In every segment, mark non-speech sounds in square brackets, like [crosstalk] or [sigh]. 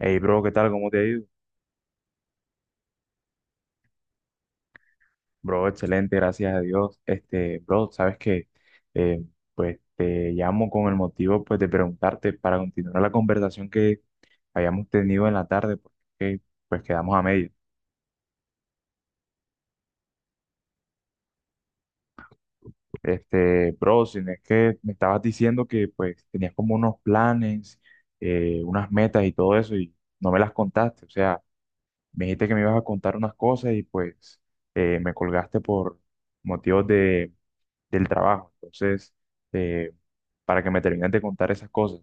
Hey, bro, ¿qué tal? ¿Cómo te ha ido? Bro, excelente, gracias a Dios. Bro, sabes que eh, pues te llamo con el motivo pues de preguntarte para continuar la conversación que habíamos tenido en la tarde, porque pues quedamos a medio. Este, bro, si no es que me estabas diciendo que pues tenías como unos planes, unas metas y todo eso y no me las contaste. O sea, me dijiste que me ibas a contar unas cosas y pues me colgaste por motivos de del trabajo. Entonces, eh, para que me termines de contar esas cosas.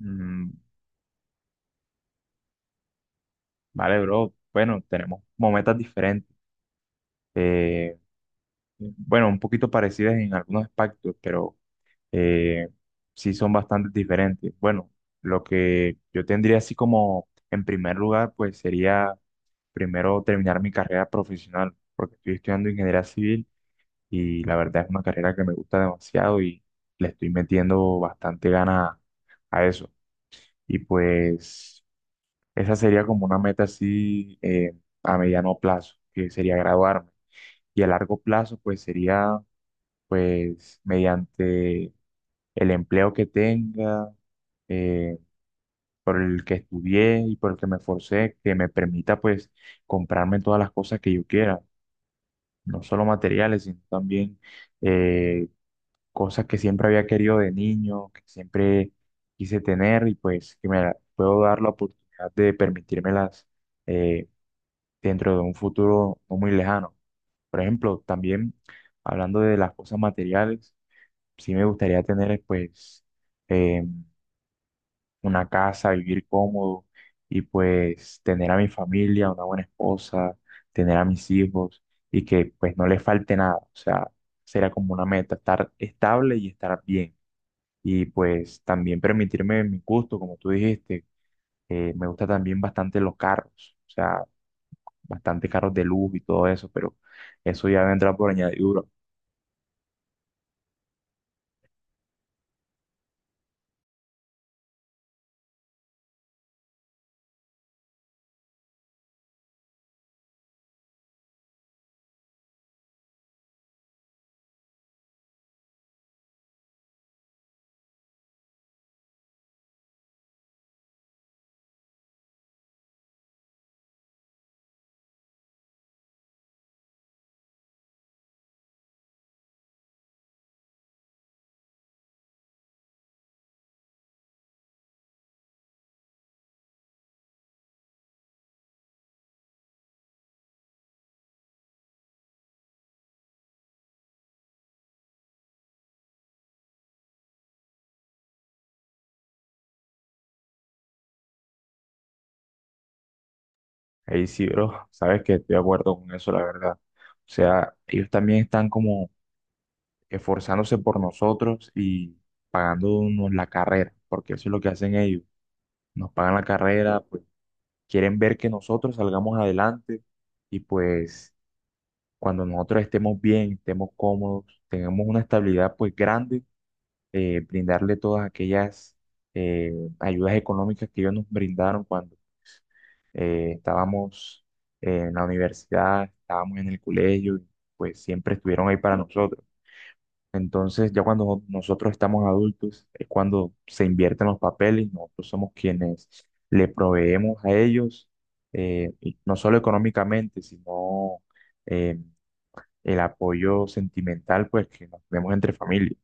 Mm, vale, bro. Bueno, tenemos como metas diferentes. eh, bueno, un poquito parecidas en algunos aspectos, pero eh, sí son bastante diferentes. Bueno, lo que yo tendría así como en primer lugar, pues sería primero terminar mi carrera profesional, porque estoy estudiando ingeniería civil y la verdad. Y pues esa sería como una meta así a mediano plazo, que sería graduarme. Y a largo plazo, pues sería pues mediante el empleo que tenga, eh, por el que estudié y por el que me esforcé, que me permita pues comprarme todas las cosas que yo quiera, no solo materiales, sino también eh, cosas que siempre había querido de niño, que siempre quise tener y pues que puedo dar la oportunidad de permitírmelas eh, dentro de un futuro no muy lejano. Por ejemplo, también hablando de las cosas materiales, sí me gustaría tener eh, una casa, vivir cómodo y pues tener a mi familia, una buena esposa, tener a mis hijos y que pues no les falte nada. O sea, será como una meta, estar estable y estar bien y pues también permitirme mi gusto, como tú dijiste, me gusta también bastante los carros, o sea, bastante carros de lujo y todo eso, pero eso ya vendrá por añadidura. Ahí sí, bro, sabes que estoy de acuerdo con eso, la verdad. O sea, ellos también están como esforzándose por nosotros y pagándonos la carrera, porque eso es lo que hacen ellos. Nos pagan la carrera, pues quieren ver que nosotros salgamos adelante y pues cuando nosotros estemos bien, estemos cómodos, tengamos una estabilidad pues grande, brindarle todas aquellas eh, ayudas económicas que ellos nos brindaron cuando pues, estábamos en la universidad, estábamos en el colegio, y, pues siempre estuvieron ahí para nosotros. Entonces, ya cuando nosotros estamos adultos, es cuando se invierten los papeles, nosotros somos quienes le proveemos a ellos, y no solo económicamente, sino eh, el apoyo sentimental pues que nos tenemos entre familia.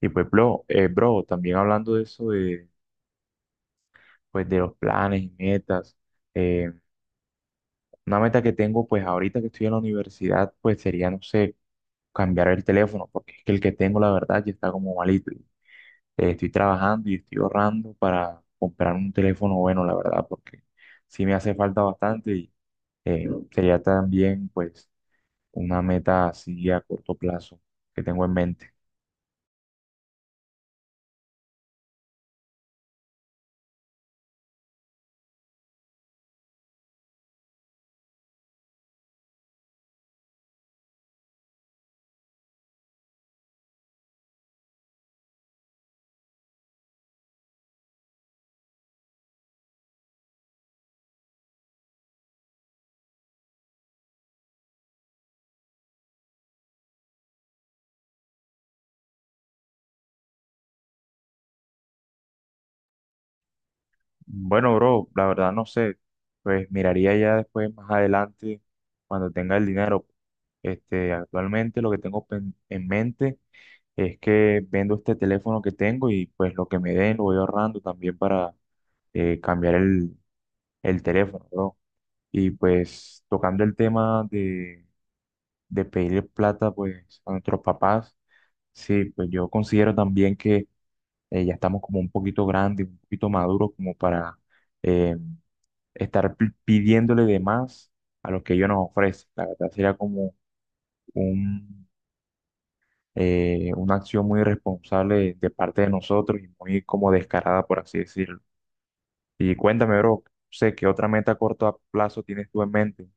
Y pues, bro, bro, también hablando de eso de, pues, de los planes y metas, eh, una meta que tengo pues ahorita que estoy en la universidad pues sería, no sé, cambiar el teléfono, porque es que el que tengo la verdad ya está como malito. Y, eh, estoy trabajando y estoy ahorrando para comprar un teléfono bueno, la verdad, porque sí me hace falta bastante y sería también pues una meta así a corto plazo que tengo en mente. Bueno, bro, la verdad no sé. Pues miraría ya después más adelante cuando tenga el dinero. Este, actualmente lo que tengo en mente es que vendo este teléfono que tengo y pues lo que me den lo voy ahorrando también para cambiar el teléfono, bro. Y pues tocando el tema de pedir plata pues a nuestros papás, sí, pues yo considero también que ya estamos como un poquito grandes, un poquito maduros como para... eh, estar pidiéndole de más a lo que ellos nos ofrecen. La verdad sería como un, una acción muy irresponsable de parte de nosotros y muy como descarada, por así decirlo. Y cuéntame, bro, sé qué otra meta a corto plazo tienes tú en mente.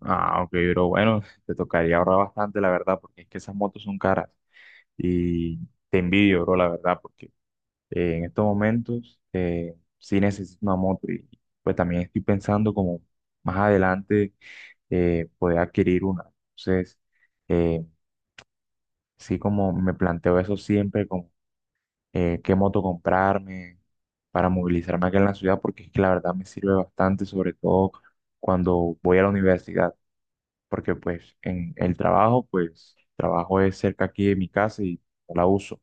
Ah, ok, bro, bueno, [laughs] te tocaría ahorrar bastante, la verdad, porque es que esas motos son caras y te envidio, bro, la verdad, porque en estos momentos sí necesito una moto y pues también estoy pensando como más adelante poder adquirir una. Entonces, eh, sí como me planteo eso siempre con qué moto comprarme para movilizarme acá en la ciudad, porque es que la verdad me sirve bastante, sobre todo cuando voy a la universidad, porque pues en el trabajo, pues trabajo es cerca aquí de mi casa y no la uso,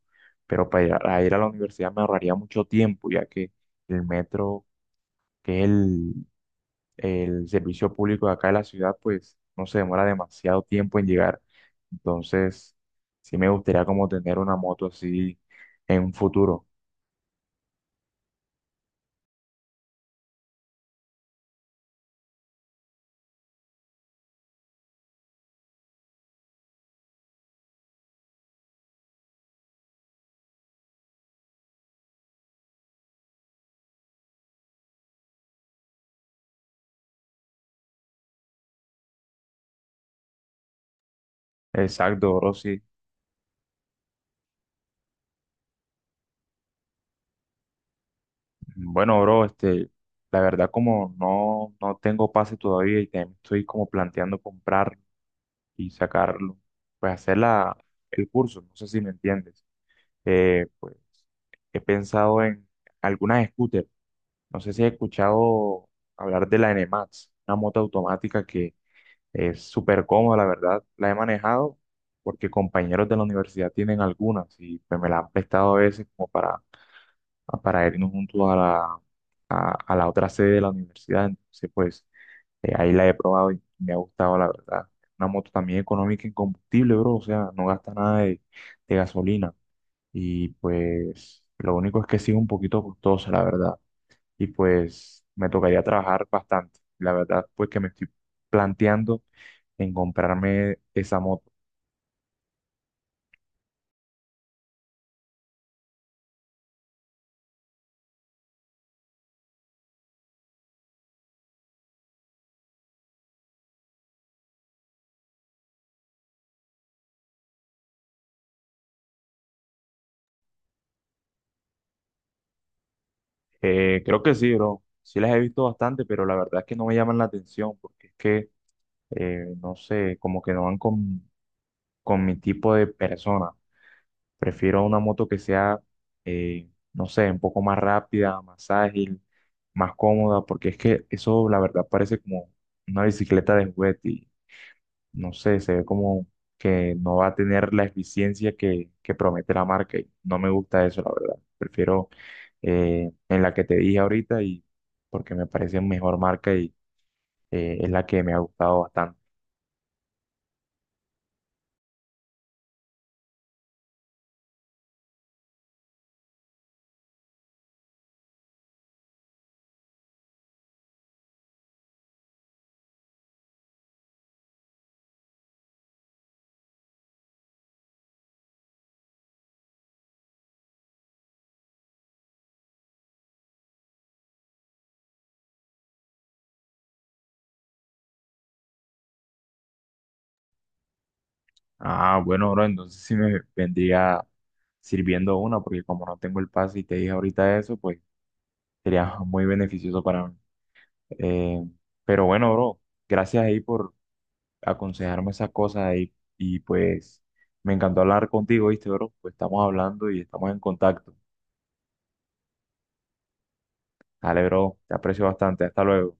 pero para ir a ir a la universidad me ahorraría mucho tiempo, ya que el metro, que es el servicio público de acá de la ciudad, pues no se demora demasiado tiempo en llegar. Entonces, sí me gustaría como tener una moto así en un futuro. Exacto, bro, sí. Bueno, bro, este, la verdad como no tengo pase todavía y también estoy como planteando comprar y sacarlo, pues hacer el curso, no sé si me entiendes. Pues he pensado en algunas scooters. No sé si has escuchado hablar de la NMAX, una moto automática que es súper cómoda, la verdad. La he manejado porque compañeros de la universidad tienen algunas y pues, me la han prestado a veces como para irnos juntos a a la otra sede de la universidad. Entonces, pues ahí la he probado y me ha gustado, la verdad. Una moto también económica en combustible, bro. O sea, no gasta nada de, de gasolina. Y pues lo único es que sí es un poquito costosa, la verdad y pues me tocaría trabajar bastante. La verdad, pues que me estoy planteando en comprarme esa moto. Creo que sí, bro. Sí las he visto bastante, pero la verdad es que no me llaman la atención porque es que, no sé, como que no van con mi tipo de persona. Prefiero una moto que sea, no sé, un poco más rápida, más ágil, más cómoda, porque es que eso, la verdad, parece como una bicicleta de juguete. No sé, se ve como que no va a tener la eficiencia que promete la marca y no me gusta eso, la verdad. Prefiero en la que te dije ahorita y porque me parece mejor marca y es la que me ha gustado bastante. Ah, bueno, bro, entonces sí me vendría sirviendo una porque como no tengo el pase y te dije ahorita eso, pues sería muy beneficioso para mí. Eh, pero bueno, bro, gracias ahí por aconsejarme esas cosas y pues me encantó hablar contigo, ¿viste, bro? Pues estamos hablando y estamos en contacto. Dale, bro, te aprecio bastante. Hasta luego.